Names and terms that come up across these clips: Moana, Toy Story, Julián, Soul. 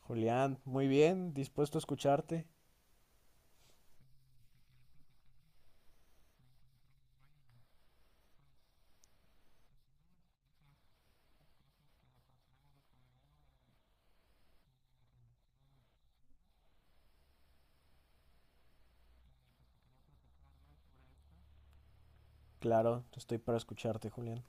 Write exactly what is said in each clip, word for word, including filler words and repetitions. Julián, muy bien, dispuesto a escucharte. Claro, estoy para escucharte, Julián.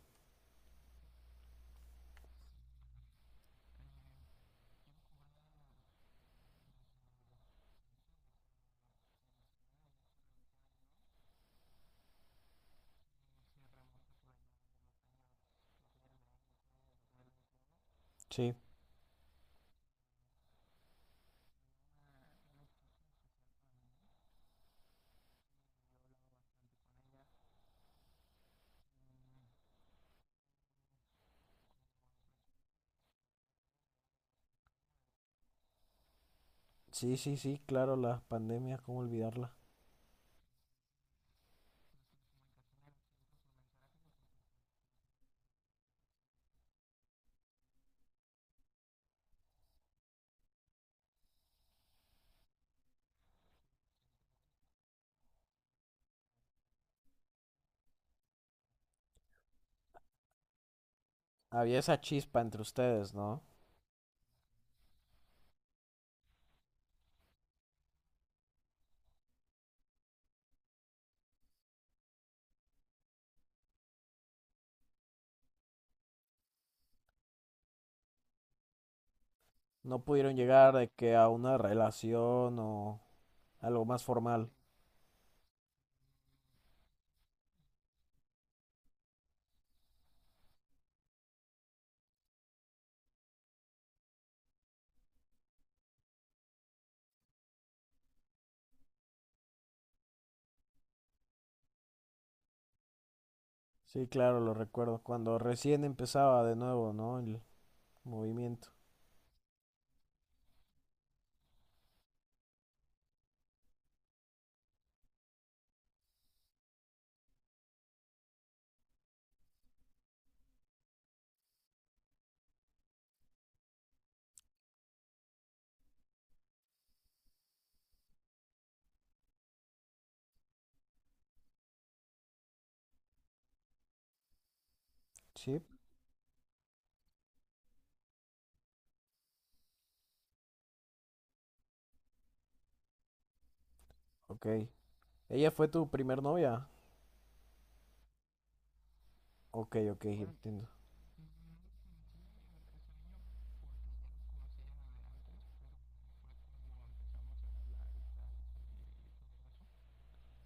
Sí, sí, sí, sí, claro, la pandemia, ¿cómo olvidarla? Había esa chispa entre ustedes, ¿no? No pudieron llegar de que a una relación o algo más formal. Sí, claro, lo recuerdo. Cuando recién empezaba de nuevo, ¿no? El movimiento. Sí, ok. ¿Ella fue tu primer novia? Ok, ok, entiendo.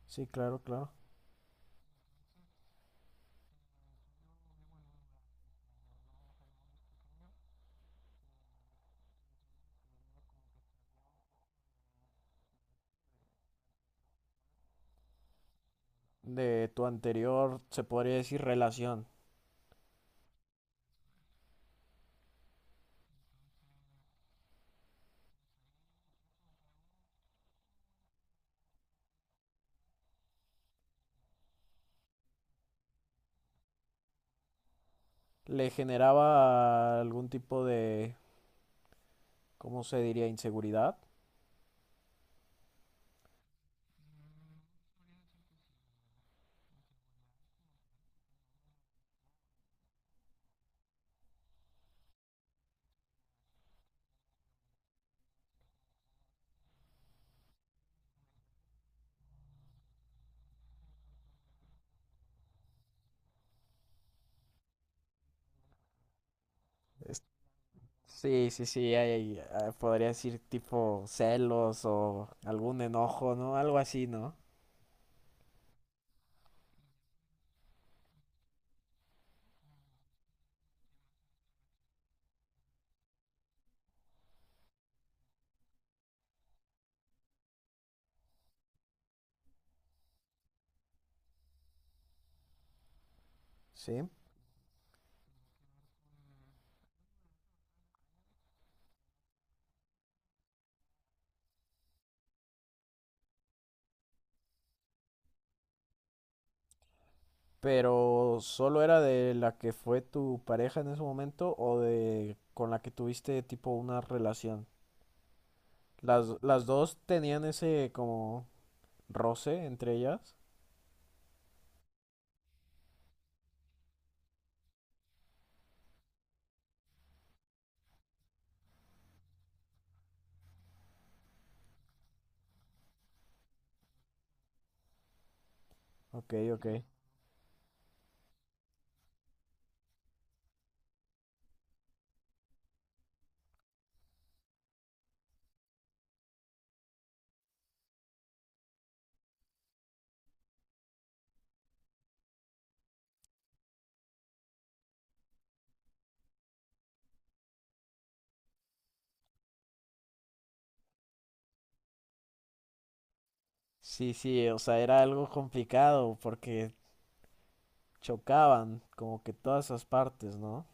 Sí, claro, claro. De tu anterior, se podría decir relación. Le generaba algún tipo de, ¿cómo se diría? Inseguridad. Es- Sí, sí, sí, hay- hay- ah, podría decir tipo celos o algún enojo, ¿no? Algo así, ¿no? Sí. ¿Pero solo era de la que fue tu pareja en ese momento o de con la que tuviste tipo una relación? Las, las dos tenían ese como roce entre ellas. Ok, ok. Sí, sí, o sea, era algo complicado porque chocaban como que todas esas partes, ¿no?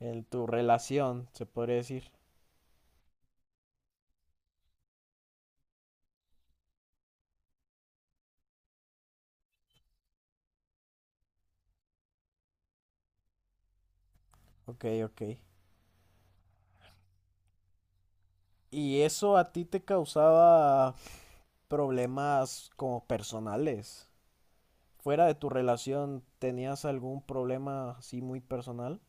En tu relación, se podría decir. Ok, ok. ¿Y eso a ti te causaba problemas como personales? ¿Fuera de tu relación tenías algún problema así muy personal?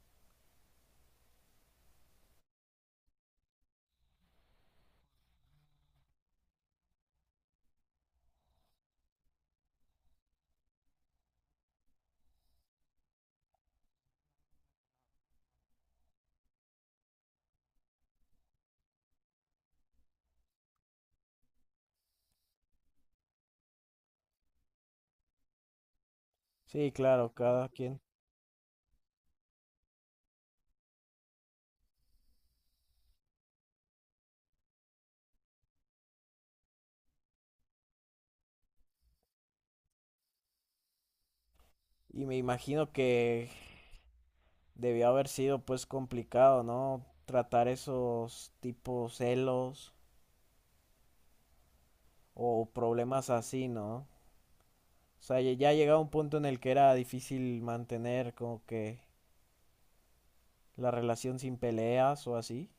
Sí, claro, cada quien. Y me imagino que debió haber sido pues complicado, ¿no? Tratar esos tipos celos o problemas así, ¿no? O sea, ya ya llegaba un punto en el que era difícil mantener como que la relación sin peleas o así.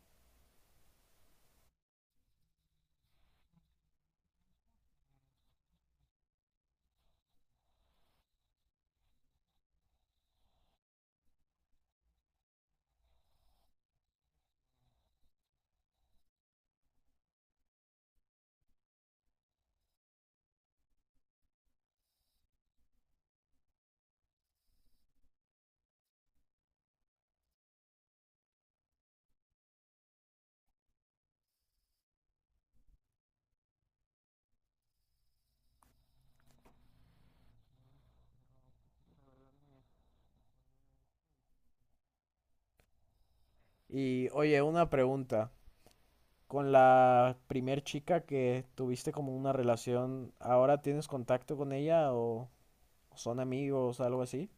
Y oye, una pregunta. Con la primer chica que tuviste como una relación, ¿ahora tienes contacto con ella o son amigos, algo así?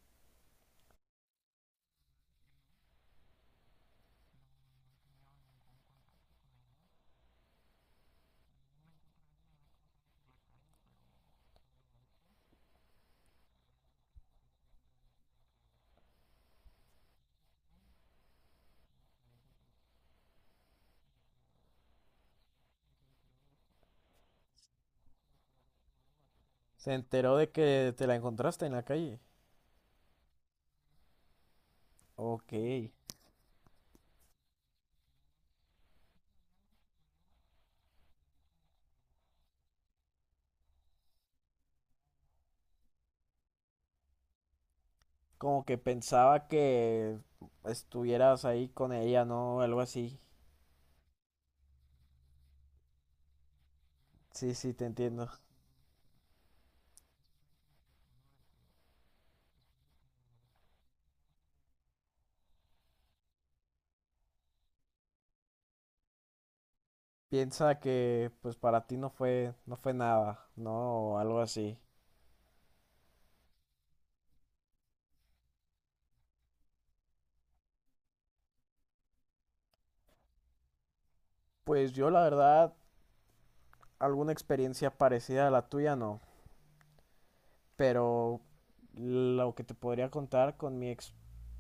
¿Se enteró de que te la encontraste en la calle? Ok. Como que pensaba que estuvieras ahí con ella, ¿no? Algo así. Sí, sí, te entiendo. Piensa que pues para ti no fue no fue nada, ¿no? O algo así. Pues yo la verdad alguna experiencia parecida a la tuya no, pero lo que te podría contar con mi ex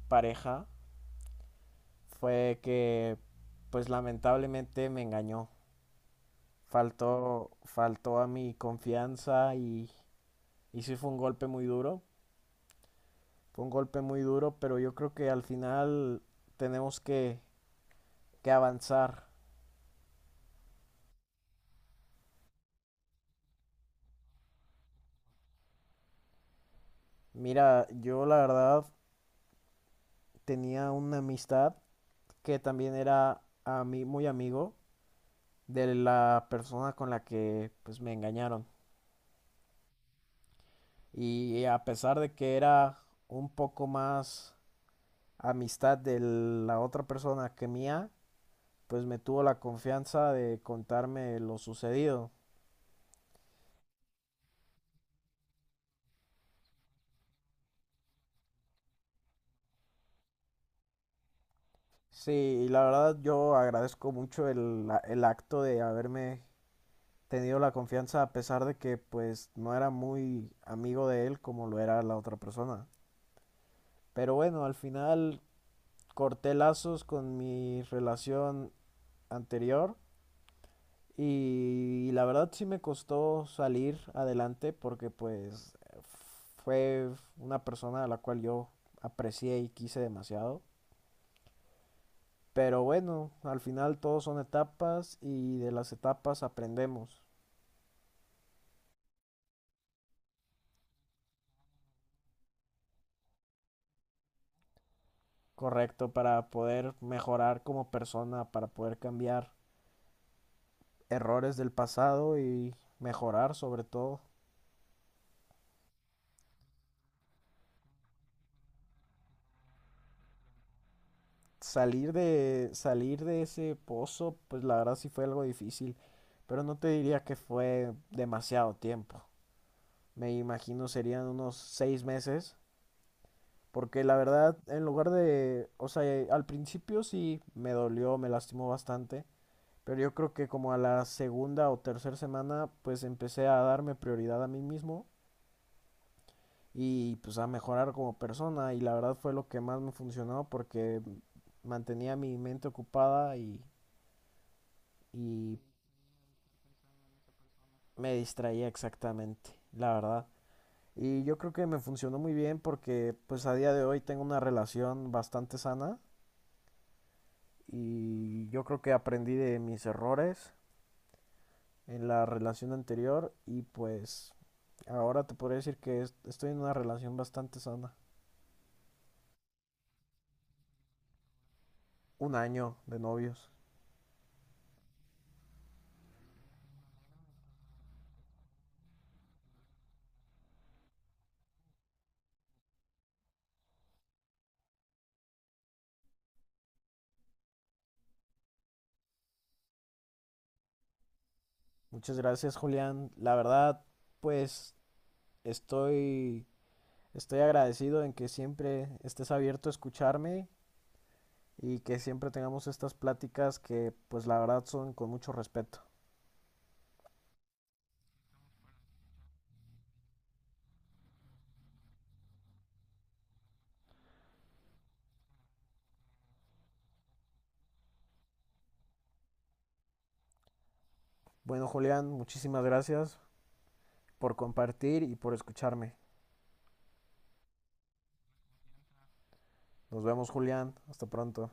pareja fue que pues lamentablemente me engañó. Faltó faltó a mi confianza y y sí fue un golpe muy duro. Fue un golpe muy duro, pero yo creo que al final tenemos que que avanzar. Mira, yo la verdad tenía una amistad que también era a mí muy amigo de la persona con la que pues me engañaron. Y a pesar de que era un poco más amistad de la otra persona que mía, pues me tuvo la confianza de contarme lo sucedido. Sí, y la verdad yo agradezco mucho el, el acto de haberme tenido la confianza a pesar de que pues no era muy amigo de él como lo era la otra persona. Pero bueno, al final corté lazos con mi relación anterior y la verdad sí me costó salir adelante porque pues fue una persona a la cual yo aprecié y quise demasiado. Pero bueno, al final todos son etapas y de las etapas aprendemos, correcto, para poder mejorar como persona, para poder cambiar errores del pasado y mejorar sobre todo. salir de, salir de ese pozo, pues la verdad sí fue algo difícil, pero no te diría que fue demasiado tiempo. Me imagino serían unos seis meses, porque la verdad, en lugar de, o sea, eh, al principio sí me dolió, me lastimó bastante, pero yo creo que como a la segunda o tercera semana, pues empecé a darme prioridad a mí mismo y pues a mejorar como persona y la verdad fue lo que más me funcionó porque mantenía mi mente ocupada y, y Me distraía exactamente, la verdad. Y yo creo que me funcionó muy bien porque pues a día de hoy tengo una relación bastante sana y yo creo que aprendí de mis errores en la relación anterior y pues ahora te podría decir que es- estoy en una relación bastante sana. Un año de novios. Muchas gracias, Julián. La verdad, pues estoy estoy agradecido en que siempre estés abierto a escucharme y que siempre tengamos estas pláticas que pues la verdad son con mucho respeto. Bueno Julián, muchísimas gracias por compartir y por escucharme. Nos vemos Julián, hasta pronto.